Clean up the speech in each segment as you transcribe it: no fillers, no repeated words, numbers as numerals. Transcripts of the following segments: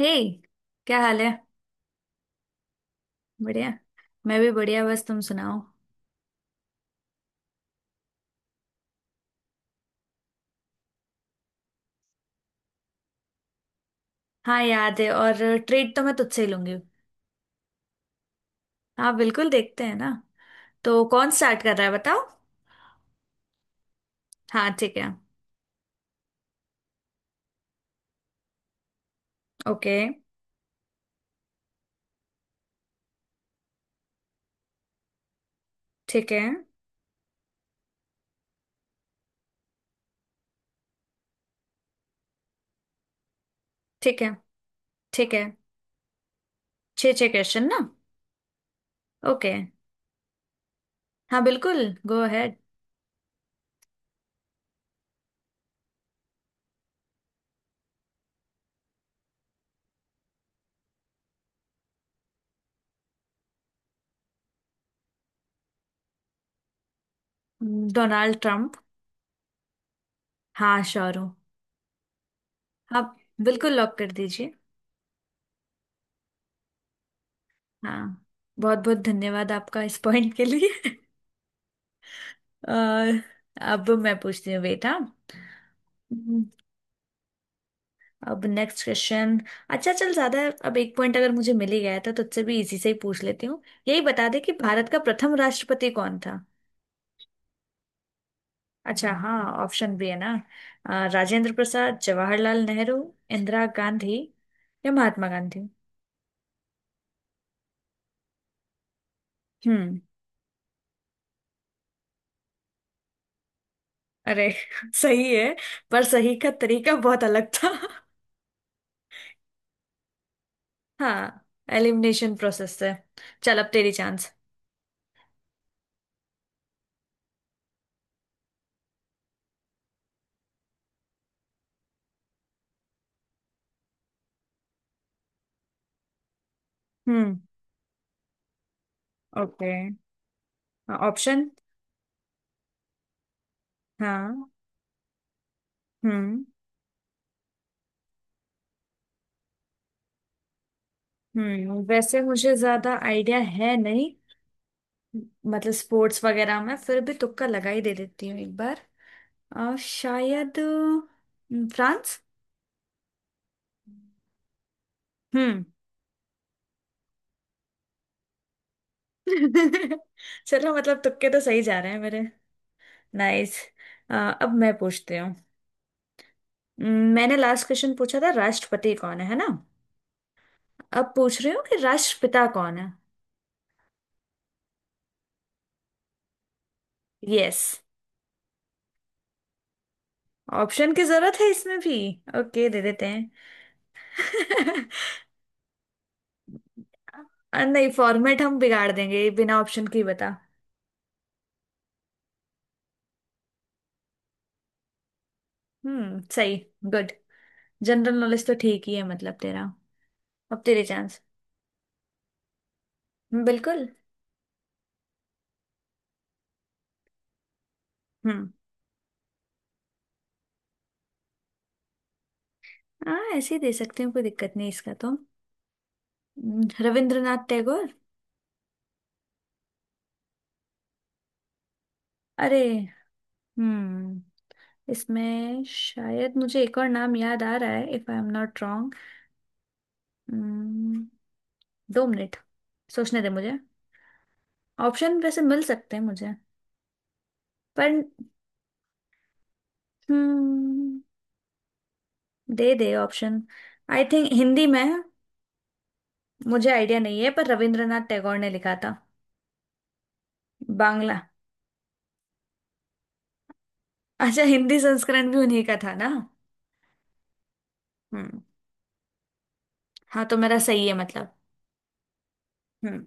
हे, क्या हाल है। बढ़िया। मैं भी बढ़िया, बस तुम सुनाओ। हाँ याद है, और ट्रीट तो मैं तुझसे ही लूंगी। हाँ बिल्कुल, देखते हैं ना। तो कौन स्टार्ट कर रहा है, बताओ? हाँ ठीक है। ओके। ठीक है ठीक है। ठीक है। छः छः क्वेश्चन ना? ओके। हाँ बिल्कुल, गो अहेड। Donald Trump. हाँ श्योर हूँ। आप बिल्कुल लॉक कर दीजिए। हाँ, बहुत बहुत धन्यवाद आपका इस पॉइंट के लिए। और अब मैं पूछती हूँ बेटा। अब नेक्स्ट क्वेश्चन। अच्छा चल, ज्यादा अब एक पॉइंट अगर मुझे मिल ही गया था तो तुझसे भी इजी से ही पूछ लेती हूँ। यही बता दे कि भारत का प्रथम राष्ट्रपति कौन था? अच्छा हाँ, ऑप्शन भी है ना। राजेंद्र प्रसाद, जवाहरलाल नेहरू, इंदिरा गांधी या महात्मा गांधी? हम्म। अरे, सही है। पर सही का तरीका बहुत अलग था। हाँ, एलिमिनेशन प्रोसेस से। चल अब तेरी चांस। हम्म। ओके। ऑप्शन। हाँ, option? हाँ। हम्म। हम्म, वैसे मुझे ज्यादा आइडिया है नहीं। मतलब स्पोर्ट्स वगैरह में, फिर भी तुक्का लगा ही दे देती हूँ एक बार। शायद फ्रांस। हम्म। चलो, मतलब तुक्के तो सही जा रहे हैं मेरे। नाइस। अब मैं पूछती हूँ। मैंने लास्ट क्वेश्चन पूछा था राष्ट्रपति कौन है ना? अब पूछ रही हूँ कि राष्ट्रपिता कौन है। यस। ऑप्शन की जरूरत है इसमें भी? ओके दे देते हैं। अ, नहीं, फॉर्मेट हम बिगाड़ देंगे, ये बिना ऑप्शन के ही बता। सही। गुड। जनरल नॉलेज तो ठीक ही है मतलब तेरा। अब तेरे चांस। बिल्कुल। हम्म। हाँ ऐसे ही दे सकते हैं, कोई दिक्कत नहीं इसका तो। रविंद्रनाथ टैगोर। अरे। हम्म। इसमें शायद मुझे एक और नाम याद आ रहा है, if I am not wrong. दो मिनट, सोचने दे मुझे। ऑप्शन वैसे मिल सकते हैं मुझे पर। हम्म, दे दे ऑप्शन। आई थिंक हिंदी में मुझे आइडिया नहीं है, पर रविंद्रनाथ टैगोर ने लिखा था। बांग्ला। अच्छा, हिंदी संस्करण भी उन्हीं का था ना? हम्म। हाँ तो मेरा सही है मतलब। हम्म।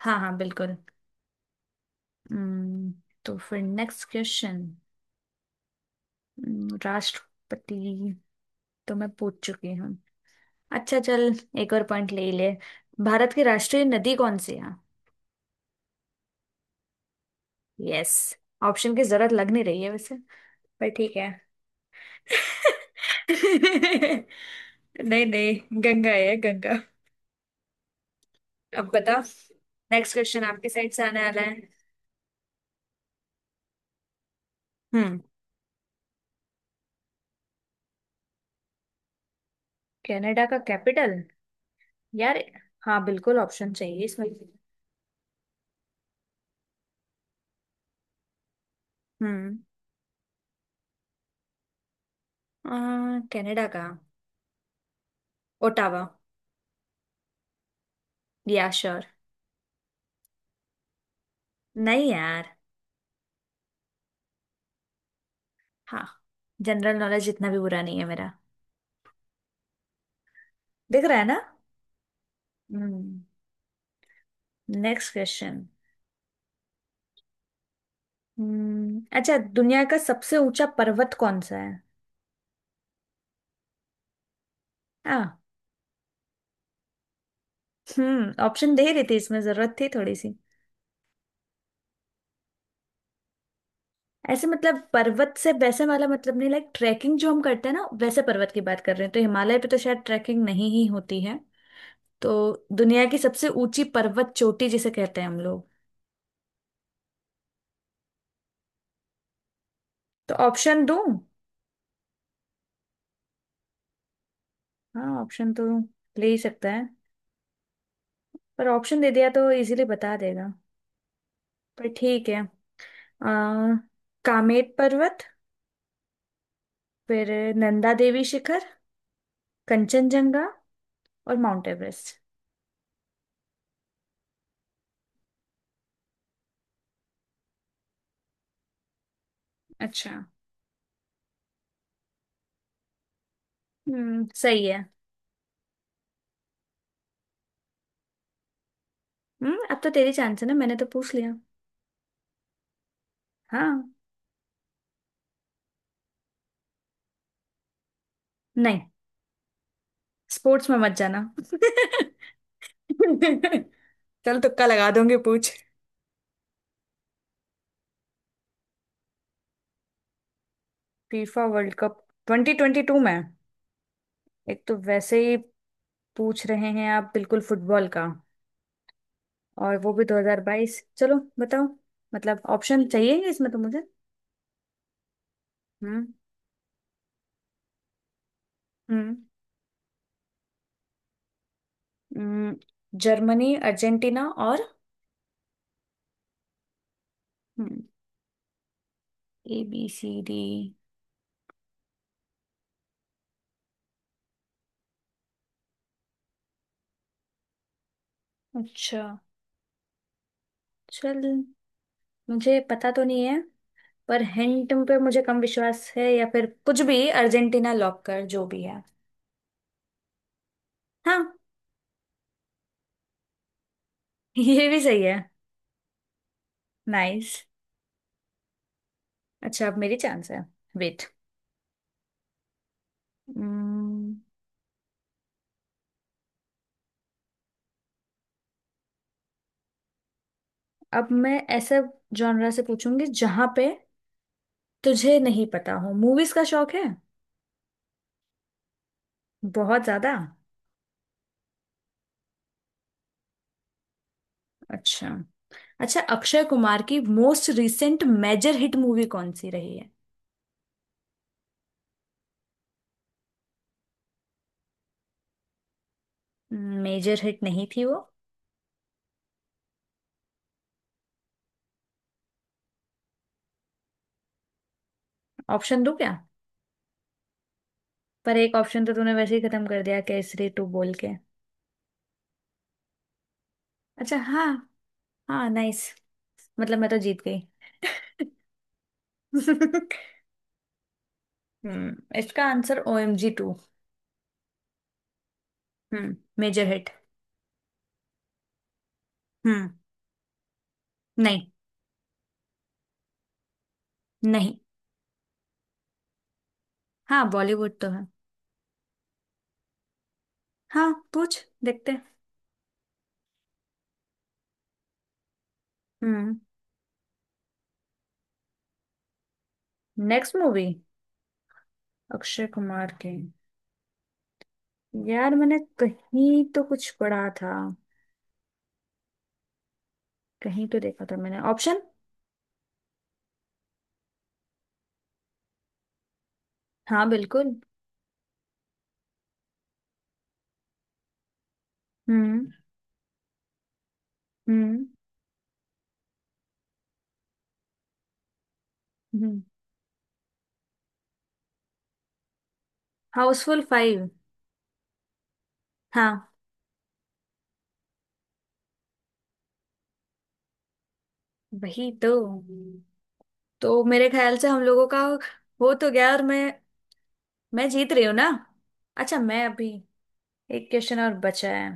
हाँ हाँ बिल्कुल। हम्म। तो फिर नेक्स्ट क्वेश्चन। राष्ट्रपति तो मैं पूछ चुकी हूँ। अच्छा चल, एक और पॉइंट ले ही ले। भारत की राष्ट्रीय नदी कौन सी है? यस। ऑप्शन की जरूरत लग नहीं रही है वैसे, पर ठीक है। नहीं नहीं। गंगा है गंगा। अब बता, नेक्स्ट क्वेश्चन आपके साइड से आने वाला है। हम्म। कनाडा का कैपिटल? यार। हाँ बिल्कुल, ऑप्शन चाहिए इसमें। हम्म। आ, कनाडा का ओटावा। या श्योर। नहीं यार। हाँ। जनरल नॉलेज इतना भी बुरा नहीं है मेरा। दिख रहा है ना। हम्म। Next question. हम्म, अच्छा, दुनिया का सबसे ऊंचा पर्वत कौन सा है? आ। हम्म, ऑप्शन दे रही थी, इसमें जरूरत थी थोड़ी सी। ऐसे मतलब, पर्वत से वैसे वाला मतलब नहीं, लाइक ट्रैकिंग जो हम करते हैं ना वैसे पर्वत की बात कर रहे हैं, तो हिमालय पे तो शायद ट्रैकिंग नहीं ही होती है। तो दुनिया की सबसे ऊंची पर्वत चोटी जिसे कहते हैं हम लोग। तो ऑप्शन दूं? हाँ, ऑप्शन तो ले ही सकता है, पर ऑप्शन दे दिया तो इजीली बता देगा। पर ठीक है। आ, कामेट पर्वत, फिर नंदा देवी शिखर, कंचनजंगा और माउंट एवरेस्ट। अच्छा। सही है। हम्म, अब तो तेरी चांस है ना, मैंने तो पूछ लिया। हाँ। नहीं, स्पोर्ट्स में मत जाना। चल तुक्का लगा दूंगी, पूछ। फीफा वर्ल्ड कप 2022 में? एक तो वैसे ही पूछ रहे हैं आप बिल्कुल फुटबॉल का, और वो भी 2022। चलो बताओ। मतलब ऑप्शन चाहिए इसमें तो मुझे। हम्म। हम्म। हम्म, जर्मनी, अर्जेंटीना और ए बी सी डी। अच्छा चल, मुझे पता तो नहीं है, पर हिंट पे मुझे कम विश्वास है। या फिर कुछ भी, अर्जेंटीना लॉक कर जो भी है। हाँ। ये भी सही है। नाइस। अच्छा अब मेरी चांस है। वेट, अब मैं ऐसे जॉनरा से पूछूंगी जहां पे तुझे नहीं पता हो। मूवीज का शौक है? बहुत ज्यादा? अच्छा। अच्छा, अक्षय कुमार की most recent major hit movie कौन सी रही है? मेजर हिट नहीं थी वो। ऑप्शन दूं क्या? पर एक ऑप्शन तो तूने वैसे ही खत्म कर दिया केसरी टू बोल के। अच्छा हाँ। हाँ नाइस। मतलब मैं तो जीत गई। हम्म, इसका answer O M G two. हम्म। Major hit. हम्म। नहीं। नहीं। हाँ बॉलीवुड तो है। हाँ पूछ, देखते हैं। हम्म। नेक्स्ट मूवी अक्षय कुमार की? यार मैंने कहीं तो कुछ पढ़ा था, कहीं तो देखा था मैंने। ऑप्शन? हाँ बिल्कुल। हम्म। हम्म। हम्म। Housefull five. हाँ। वही तो। तो मेरे ख्याल से हम लोगों का हो तो गया, और मैं जीत रही हूँ ना? अच्छा मैं अभी। एक क्वेश्चन और बचा है।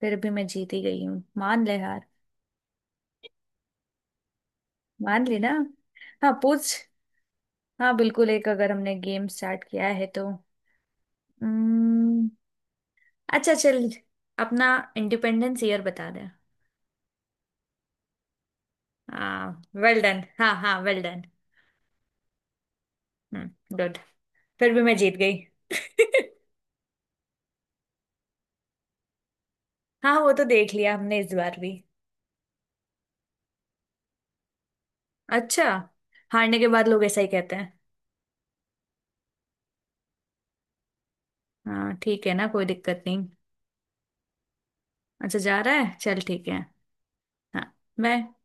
फिर भी मैं जीत ही गई हूँ, मान ले हार। मान ली ना। हाँ पूछ। हाँ बिल्कुल, एक अगर हमने गेम स्टार्ट किया है तो। हम्म। अच्छा चल, अपना इंडिपेंडेंस ईयर बता दे। हाँ वेल डन। हाँ हाँ वेल डन। गुड। फिर भी मैं जीत गई। हाँ वो तो देख लिया हमने इस बार भी। अच्छा, हारने के बाद लोग ऐसा ही कहते हैं। हाँ ठीक है ना, कोई दिक्कत नहीं। अच्छा जा रहा है, चल ठीक है। हाँ। मैं।